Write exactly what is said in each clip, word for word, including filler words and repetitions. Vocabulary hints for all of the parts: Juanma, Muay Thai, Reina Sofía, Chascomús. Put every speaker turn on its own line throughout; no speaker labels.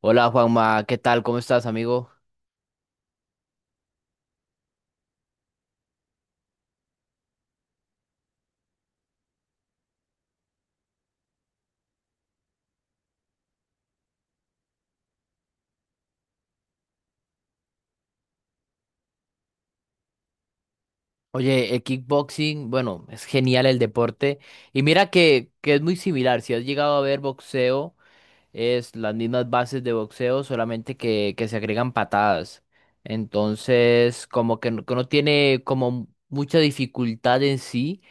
Hola Juanma, ¿qué tal? ¿Cómo estás, amigo? Oye, el kickboxing, bueno, es genial el deporte. Y mira que, que es muy similar. Si has llegado a ver boxeo, es las mismas bases de boxeo, solamente que, que se agregan patadas. Entonces, como que no, que no tiene como mucha dificultad en sí.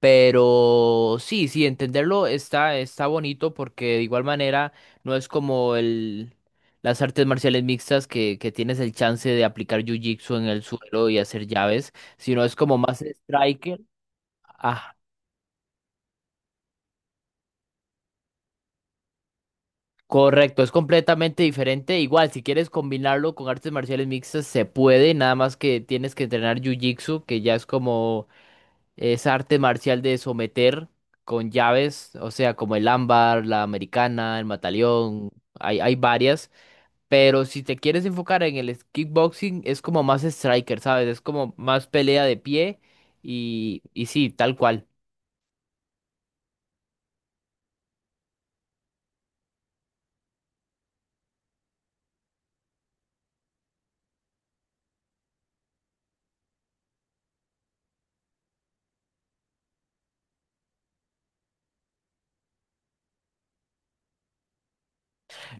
Pero sí, sí, entenderlo está, está bonito porque de igual manera no es como el, las artes marciales mixtas que, que tienes el chance de aplicar jiu-jitsu en el suelo y hacer llaves, sino es como más striker. Ah, correcto, es completamente diferente. Igual, si quieres combinarlo con artes marciales mixtas, se puede, nada más que tienes que entrenar jiu-jitsu, que ya es como es arte marcial de someter con llaves, o sea, como el ámbar, la americana, el mataleón, hay, hay varias, pero si te quieres enfocar en el es- kickboxing, es como más striker, ¿sabes? Es como más pelea de pie y, y sí, tal cual.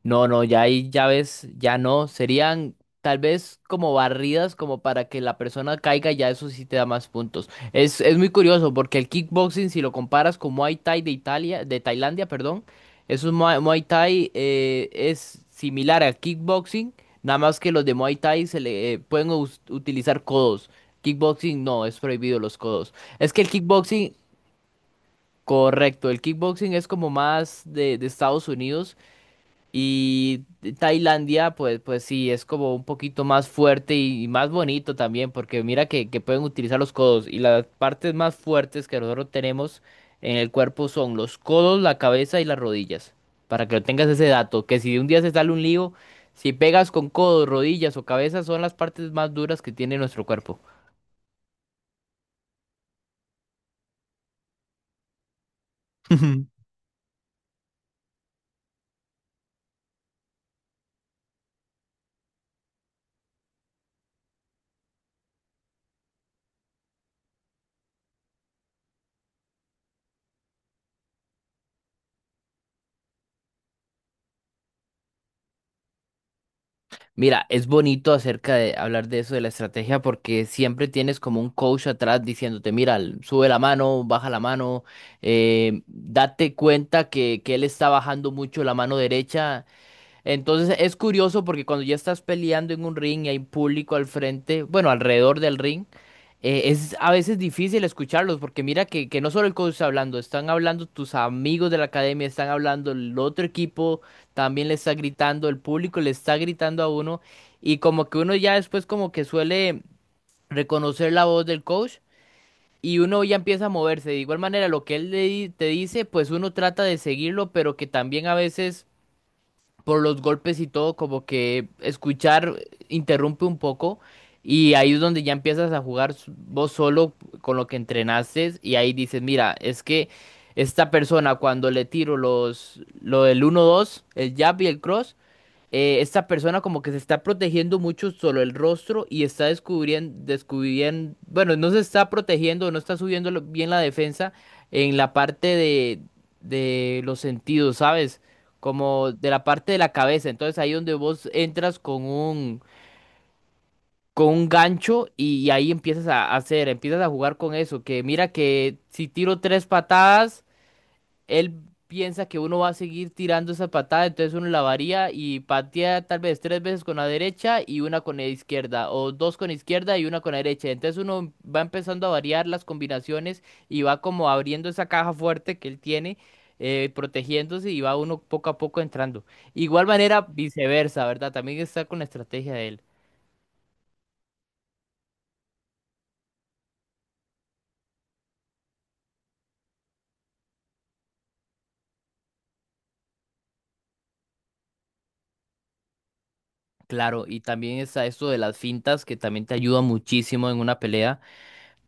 No, no, ya hay llaves, ya no. Serían tal vez como barridas, como para que la persona caiga, ya eso sí te da más puntos. Es, es muy curioso porque el kickboxing, si lo comparas con Muay Thai de Italia, de Tailandia, perdón, eso es Muay, Muay Thai eh, es similar al kickboxing, nada más que los de Muay Thai se le eh, pueden us- utilizar codos. Kickboxing no, es prohibido los codos. Es que el kickboxing, correcto, el kickboxing es como más de, de Estados Unidos y Tailandia, pues, pues sí, es como un poquito más fuerte y, y más bonito también, porque mira que, que pueden utilizar los codos. Y las partes más fuertes que nosotros tenemos en el cuerpo son los codos, la cabeza y las rodillas. Para que lo tengas ese dato, que si un día se sale un lío, si pegas con codos, rodillas o cabeza, son las partes más duras que tiene nuestro cuerpo. Mira, es bonito acerca de hablar de eso de la estrategia porque siempre tienes como un coach atrás diciéndote, mira, l- sube la mano, baja la mano, eh, date cuenta que, que él está bajando mucho la mano derecha, entonces es curioso porque cuando ya estás peleando en un ring y hay público al frente, bueno, alrededor del ring, eh, es a veces difícil escucharlos porque mira que, que no solo el coach está hablando, están hablando tus amigos de la academia, están hablando el otro equipo, también le está gritando, el público le está gritando a uno y como que uno ya después como que suele reconocer la voz del coach y uno ya empieza a moverse. De igual manera, lo que él le di- te dice, pues uno trata de seguirlo, pero que también a veces por los golpes y todo, como que escuchar interrumpe un poco y ahí es donde ya empiezas a jugar s- vos solo con lo que entrenaste y ahí dices, mira, es que esta persona cuando le tiro los, lo del uno dos el jab y el cross, eh, esta persona como que se está protegiendo mucho solo el rostro y está descubriendo, descubriendo, bueno, no se está protegiendo, no está subiendo lo- bien la defensa en la parte de, de los sentidos, ¿sabes? Como de la parte de la cabeza. Entonces ahí donde vos entras con un, con un gancho y, ahí empiezas a hacer, empiezas a jugar con eso, que mira que si tiro tres patadas él piensa que uno va a seguir tirando esa patada, entonces uno la varía y patea tal vez tres veces con la derecha y una con la izquierda, o dos con izquierda y una con la derecha. Entonces uno va empezando a variar las combinaciones y va como abriendo esa caja fuerte que él tiene, eh, protegiéndose y va uno poco a poco entrando. Igual manera, viceversa, ¿verdad? También está con la estrategia de él. Claro, y también está esto de las fintas que también te ayuda muchísimo en una pelea,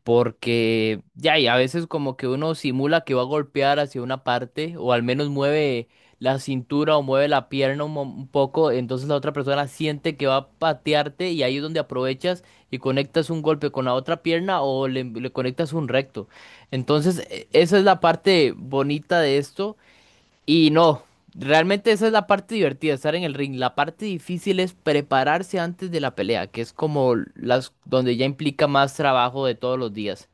porque ya, y a veces como que uno simula que va a golpear hacia una parte, o al menos mueve la cintura o mueve la pierna un, mo- un poco, entonces la otra persona siente que va a patearte y ahí es donde aprovechas y conectas un golpe con la otra pierna o le, le conectas un recto. Entonces, e- esa es la parte bonita de esto y no, realmente esa es la parte divertida, estar en el ring. La parte difícil es prepararse antes de la pelea, que es como las donde ya implica más trabajo de todos los días.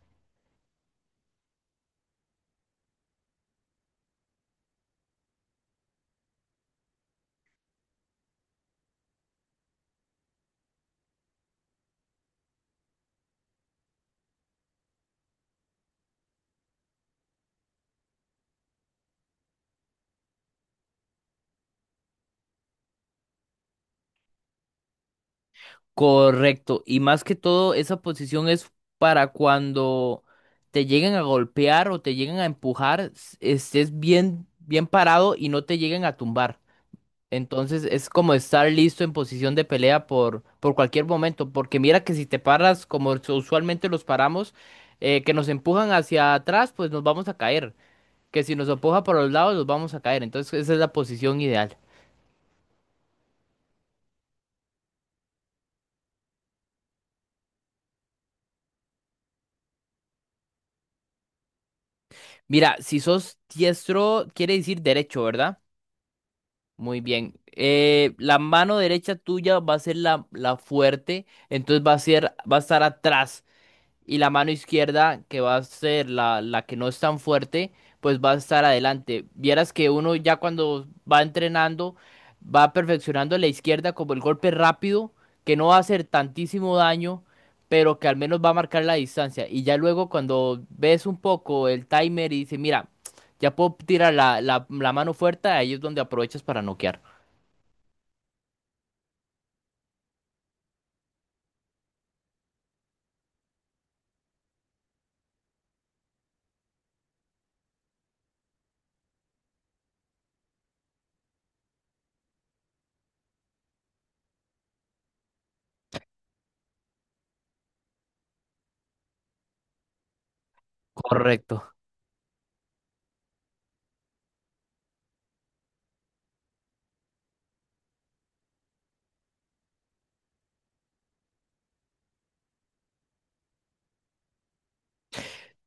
Correcto. Y más que todo, esa posición es para cuando te lleguen a golpear o te lleguen a empujar, s- estés bien, bien parado y no te lleguen a tumbar. Entonces es como estar listo en posición de pelea por, por cualquier momento. Porque mira que si te paras como us- usualmente los paramos, eh, que nos empujan hacia atrás, pues nos vamos a caer. Que si nos empuja por los lados, nos vamos a caer. Entonces esa es la posición ideal. Mira, si sos diestro, quiere decir derecho, ¿verdad? Muy bien. Eh, la mano derecha tuya va a ser la, la fuerte, entonces va a ser, va a estar atrás. Y la mano izquierda, que va a ser la, la que no es tan fuerte, pues va a estar adelante. Vieras que uno ya cuando va entrenando, va perfeccionando la izquierda como el golpe rápido, que no va a hacer tantísimo daño, pero que al menos va a marcar la distancia. Y ya luego cuando ves un poco el timer y dices, mira, ya puedo tirar la, la la mano fuerte, ahí es donde aprovechas para noquear. Correcto.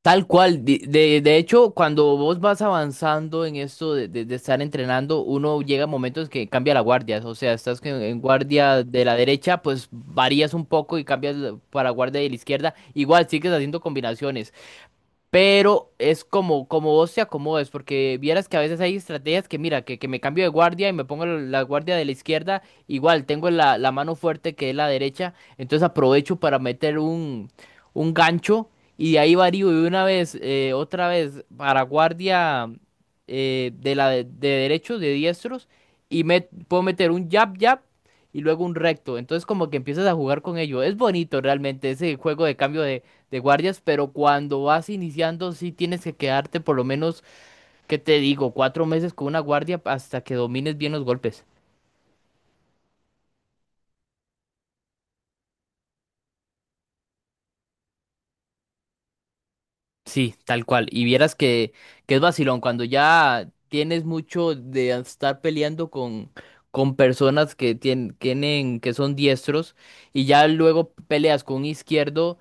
Tal cual. De, de- de hecho, cuando vos vas avanzando en esto de, de- de estar entrenando, uno llega a momentos que cambia la guardia. O sea, estás que en guardia de la derecha, pues varías un poco y cambias la- para guardia de la izquierda. Igual sigues haciendo combinaciones. Pero es como, como vos te acomodes, porque vieras que a veces hay estrategias que, mira, que, que me cambio de guardia y me pongo la la guardia de la izquierda, igual tengo la, la mano fuerte que es la derecha, entonces aprovecho para meter un, un gancho y de ahí varío de una vez, eh, otra vez para guardia eh, de la de, de derechos, de diestros, y me, puedo meter un jab, jab y luego un recto, entonces como que empiezas a jugar con ello, es bonito realmente ese juego de cambio de de guardias, pero cuando vas iniciando sí tienes que quedarte por lo menos, ¿qué te digo? Cuatro meses con una guardia hasta que domines bien los golpes. Sí, tal cual. Y vieras que, que es vacilón, cuando ya tienes mucho de estar peleando con, con personas que tien- tienen, que son diestros, y ya luego peleas con un izquierdo,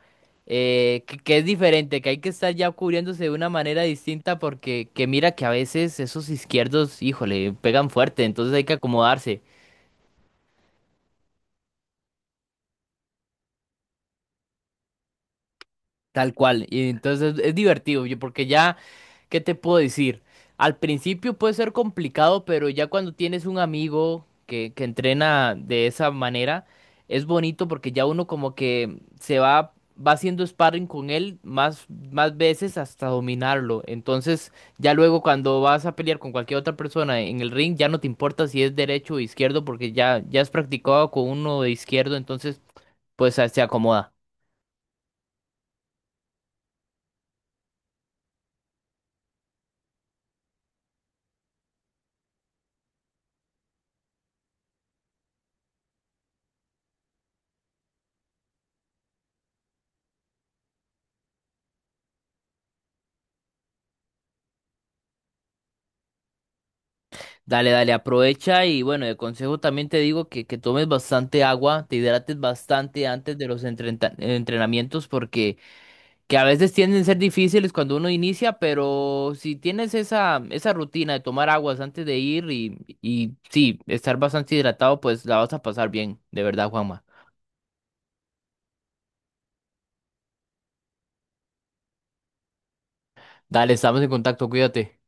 eh, que, que es diferente, que hay que estar ya cubriéndose de una manera distinta, porque que mira que a veces esos izquierdos, híjole, pegan fuerte, entonces hay que acomodarse. Tal cual. Y entonces es divertido, yo, porque ya, ¿qué te puedo decir? Al principio puede ser complicado, pero ya cuando tienes un amigo que, que entrena de esa manera, es bonito porque ya uno como que se va, va haciendo sparring con él más, más veces hasta dominarlo. Entonces, ya luego cuando vas a pelear con cualquier otra persona en el ring, ya no te importa si es derecho o izquierdo, porque ya, ya has practicado con uno de izquierdo, entonces pues se acomoda. Dale, dale, aprovecha y bueno, de consejo también te digo que, que tomes bastante agua, te hidrates bastante antes de los entreta- entrenamientos porque que a veces tienden a ser difíciles cuando uno inicia, pero si tienes esa, esa rutina de tomar aguas antes de ir y, y sí, estar bastante hidratado, pues la vas a pasar bien, de verdad, Juanma. Dale, estamos en contacto, cuídate.